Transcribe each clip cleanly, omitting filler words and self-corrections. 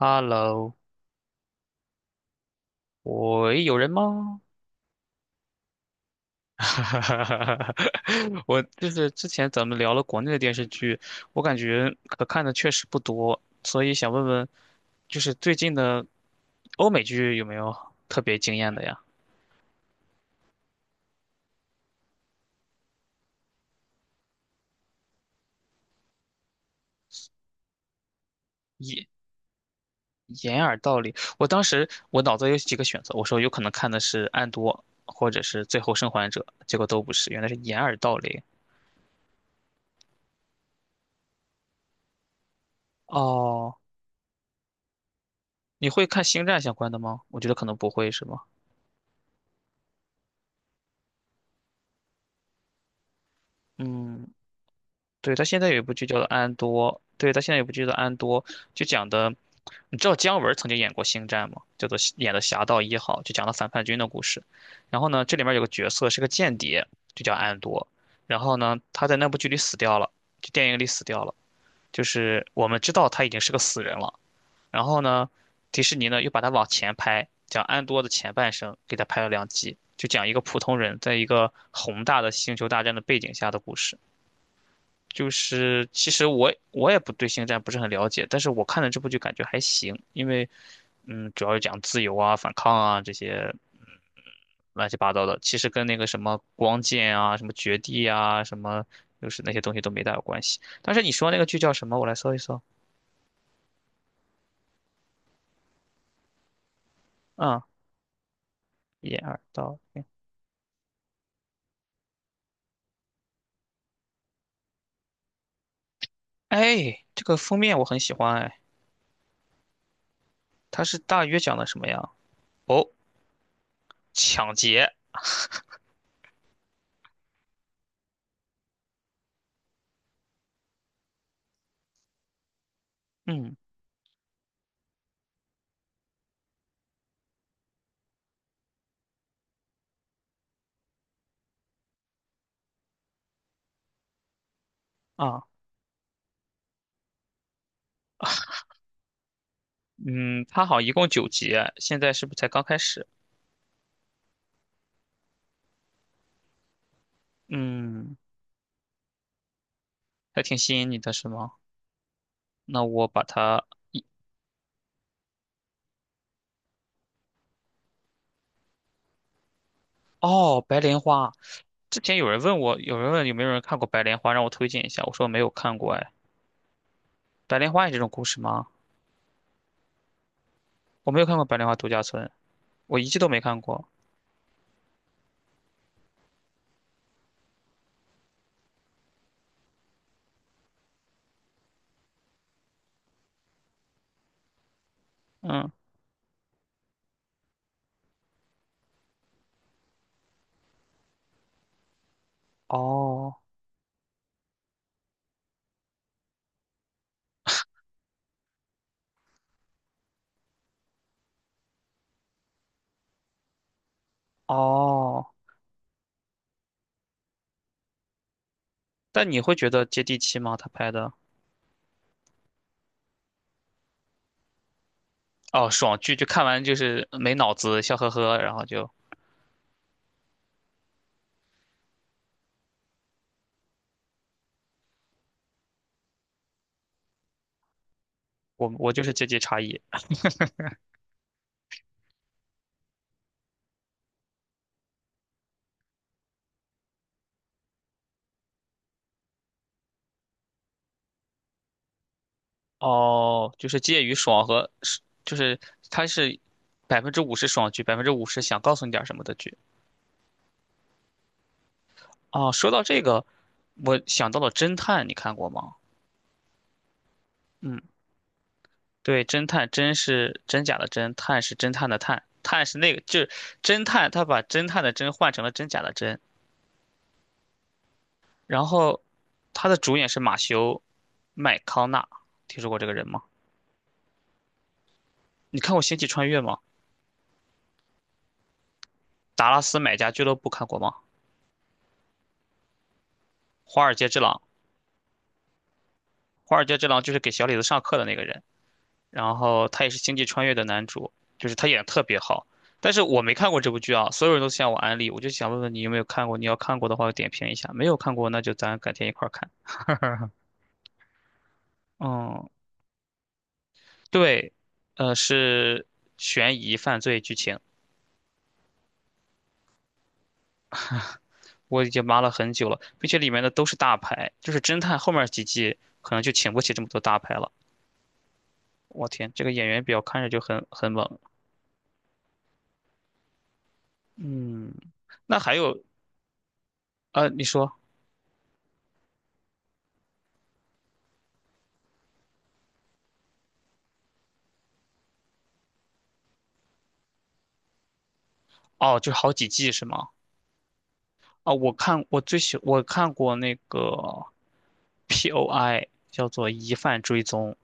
Hello，喂，有人吗？哈哈哈哈。我就是之前咱们聊了国内的电视剧，我感觉可看的确实不多，所以想问问，就是最近的欧美剧有没有特别惊艳的呀？掩耳盗铃，我当时我脑子有几个选择，我说有可能看的是《暗多》或者是《最后生还者》，结果都不是，原来是掩耳盗铃。哦，你会看星战相关的吗？我觉得可能不会，是吗？嗯，对，他现在有一部剧叫做《安多》，对，他现在有一部剧叫做《安多》，就讲的，你知道姜文曾经演过《星战》吗？叫做演的《侠盗一号》，就讲了反叛军的故事。然后呢，这里面有个角色是个间谍，就叫安多。然后呢，他在那部剧里死掉了，就电影里死掉了。就是我们知道他已经是个死人了。然后呢，迪士尼呢又把他往前拍，讲安多的前半生，给他拍了2集，就讲一个普通人在一个宏大的星球大战的背景下的故事。就是其实我也不对星战不是很了解，但是我看了这部剧感觉还行，因为主要是讲自由啊、反抗啊这些嗯乱七八糟的，其实跟那个什么光剑啊、什么绝地啊、什么就是那些东西都没大有关系。但是你说那个剧叫什么？我来搜一搜。啊，一二到铃。哎，这个封面我很喜欢，哎，它是大约讲的什么呀？哦，抢劫，嗯啊。嗯，它好像一共9集哎，现在是不是才刚开始？嗯，还挺吸引你的是吗？那我把它，哦，白莲花。之前有人问我，有人问有没有人看过白莲花，让我推荐一下。我说没有看过，哎，白莲花也这种故事吗？我没有看过白莲花度假村，我一季都没看过。嗯，哦哦，但你会觉得接地气吗？他拍的，哦，爽剧就看完就是没脑子，笑呵呵，然后就我就是阶级差异。哦，就是介于爽和是，就是他是百分之五十爽剧，百分之五十想告诉你点儿什么的剧。哦，说到这个，我想到了侦探，你看过吗？嗯，对，侦探，真是真假的真，探是侦探的探，探是那个，就是侦探，他把侦探的侦换成了真假的真。然后，他的主演是马修麦康纳，听说过这个人吗？你看过《星际穿越》吗？《达拉斯买家俱乐部》看过吗？《华尔街之狼》，《华尔街之狼》就是给小李子上课的那个人。然后他也是星际穿越的男主，就是他演的特别好。但是我没看过这部剧啊，所有人都向我安利，我就想问问你有没有看过？你要看过的话，点评一下；没有看过，那就咱改天一块儿看。嗯，对，是悬疑犯罪剧情，我已经扒了很久了，并且里面的都是大牌，就是侦探后面几季可能就请不起这么多大牌了。我天，这个演员表看着就很猛。嗯，那还有，你说，哦，就好几季是吗？啊，我看我最喜我看过那个 POI 叫做疑犯追踪，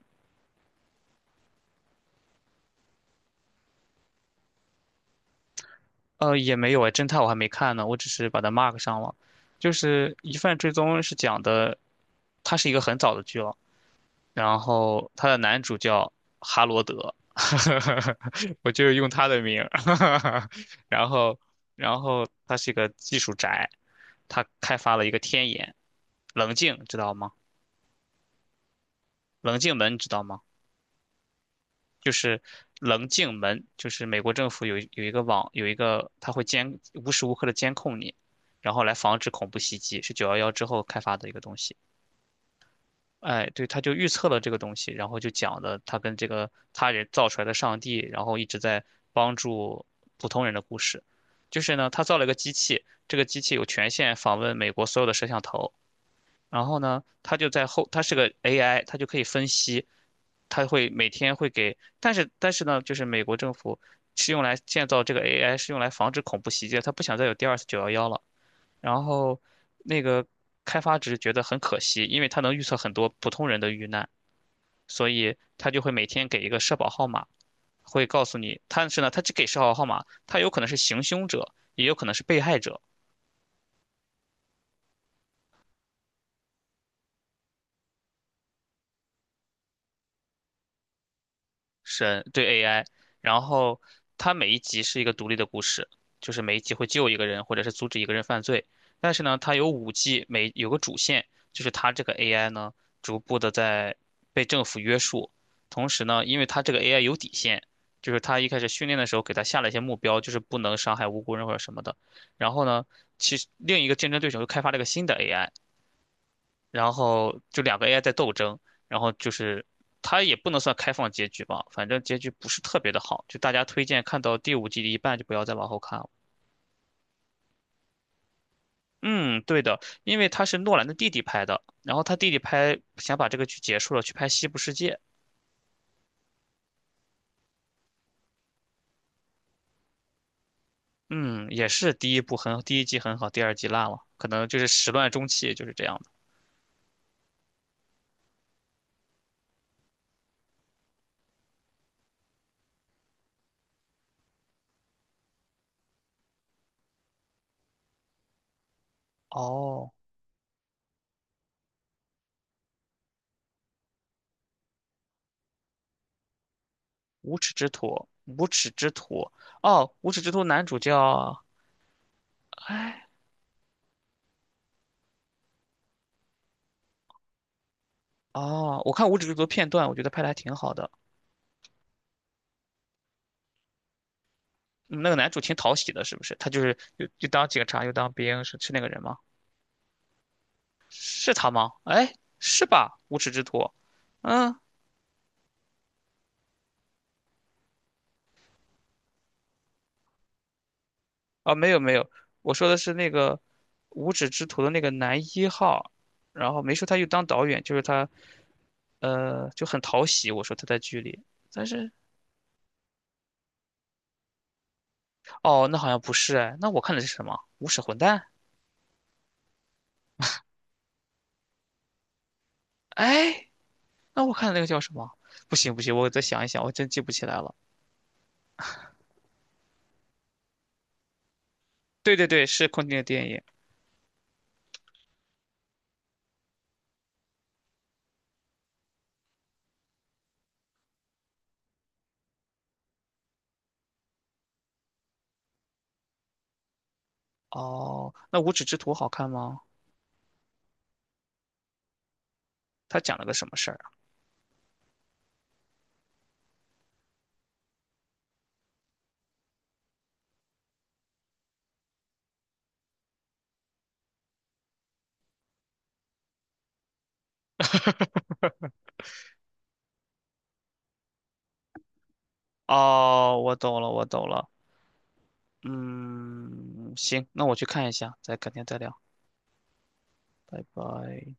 也没有哎，侦探我还没看呢，我只是把它 mark 上了。就是疑犯追踪是讲的，它是一个很早的剧了，然后它的男主叫哈罗德，我就用他的名儿，然后然后他是一个技术宅，他开发了一个天眼，冷静知道吗？冷静门知道吗？就是棱镜门，就是美国政府有一个网有一个，它会监无时无刻的监控你，然后来防止恐怖袭击，是九幺幺之后开发的一个东西。哎，对，他就预测了这个东西，然后就讲的他跟这个他人造出来的上帝，然后一直在帮助普通人的故事。就是呢，他造了一个机器，这个机器有权限访问美国所有的摄像头，然后呢，他就在后，他是个 AI，他就可以分析他会每天会给，但是呢，就是美国政府是用来建造这个 AI，是用来防止恐怖袭击的，他不想再有第二次九幺幺了。然后那个开发者觉得很可惜，因为他能预测很多普通人的遇难，所以他就会每天给一个社保号码，会告诉你，但是呢，他只给社保号码，他有可能是行凶者，也有可能是被害者，神对 AI，然后它每一集是一个独立的故事，就是每一集会救一个人或者是阻止一个人犯罪。但是呢，它有五季，每有个主线，就是它这个 AI 呢逐步的在被政府约束。同时呢，因为它这个 AI 有底线，就是它一开始训练的时候给它下了一些目标，就是不能伤害无辜人或者什么的。然后呢，其实另一个竞争对手又开发了一个新的 AI，然后就两个 AI 在斗争，然后就是它也不能算开放结局吧，反正结局不是特别的好，就大家推荐看到第五季的一半就不要再往后看了。嗯，对的，因为他是诺兰的弟弟拍的，然后他弟弟拍想把这个剧结束了，去拍《西部世界》。嗯，也是第一部很，第一季很好，第二季烂了，可能就是始乱终弃，就是这样的。哦，无耻之徒，无耻之徒，哦，无耻之徒男主叫，哎，哦，我看无耻之徒片段，我觉得拍的还挺好的。嗯那个男主挺讨喜的，是不是？他就是又当警察又当兵，是那个人吗？是他吗？哎，是吧？无耻之徒，嗯啊，没有没有，我说的是那个无耻之徒的那个男一号，然后没说他又当导演，就是他就很讨喜，我说他在剧里，但是哦，那好像不是哎，那我看的是什么？无耻混蛋？哎，那我看的那个叫什么？不行不行，我再想一想，我真记不起来了。对对对，是昆汀的电影。哦，那无耻之徒好看吗？他讲了个什么事儿啊？哦，我懂了，我懂了。嗯，行，那我去看一下，再改天再聊，拜拜。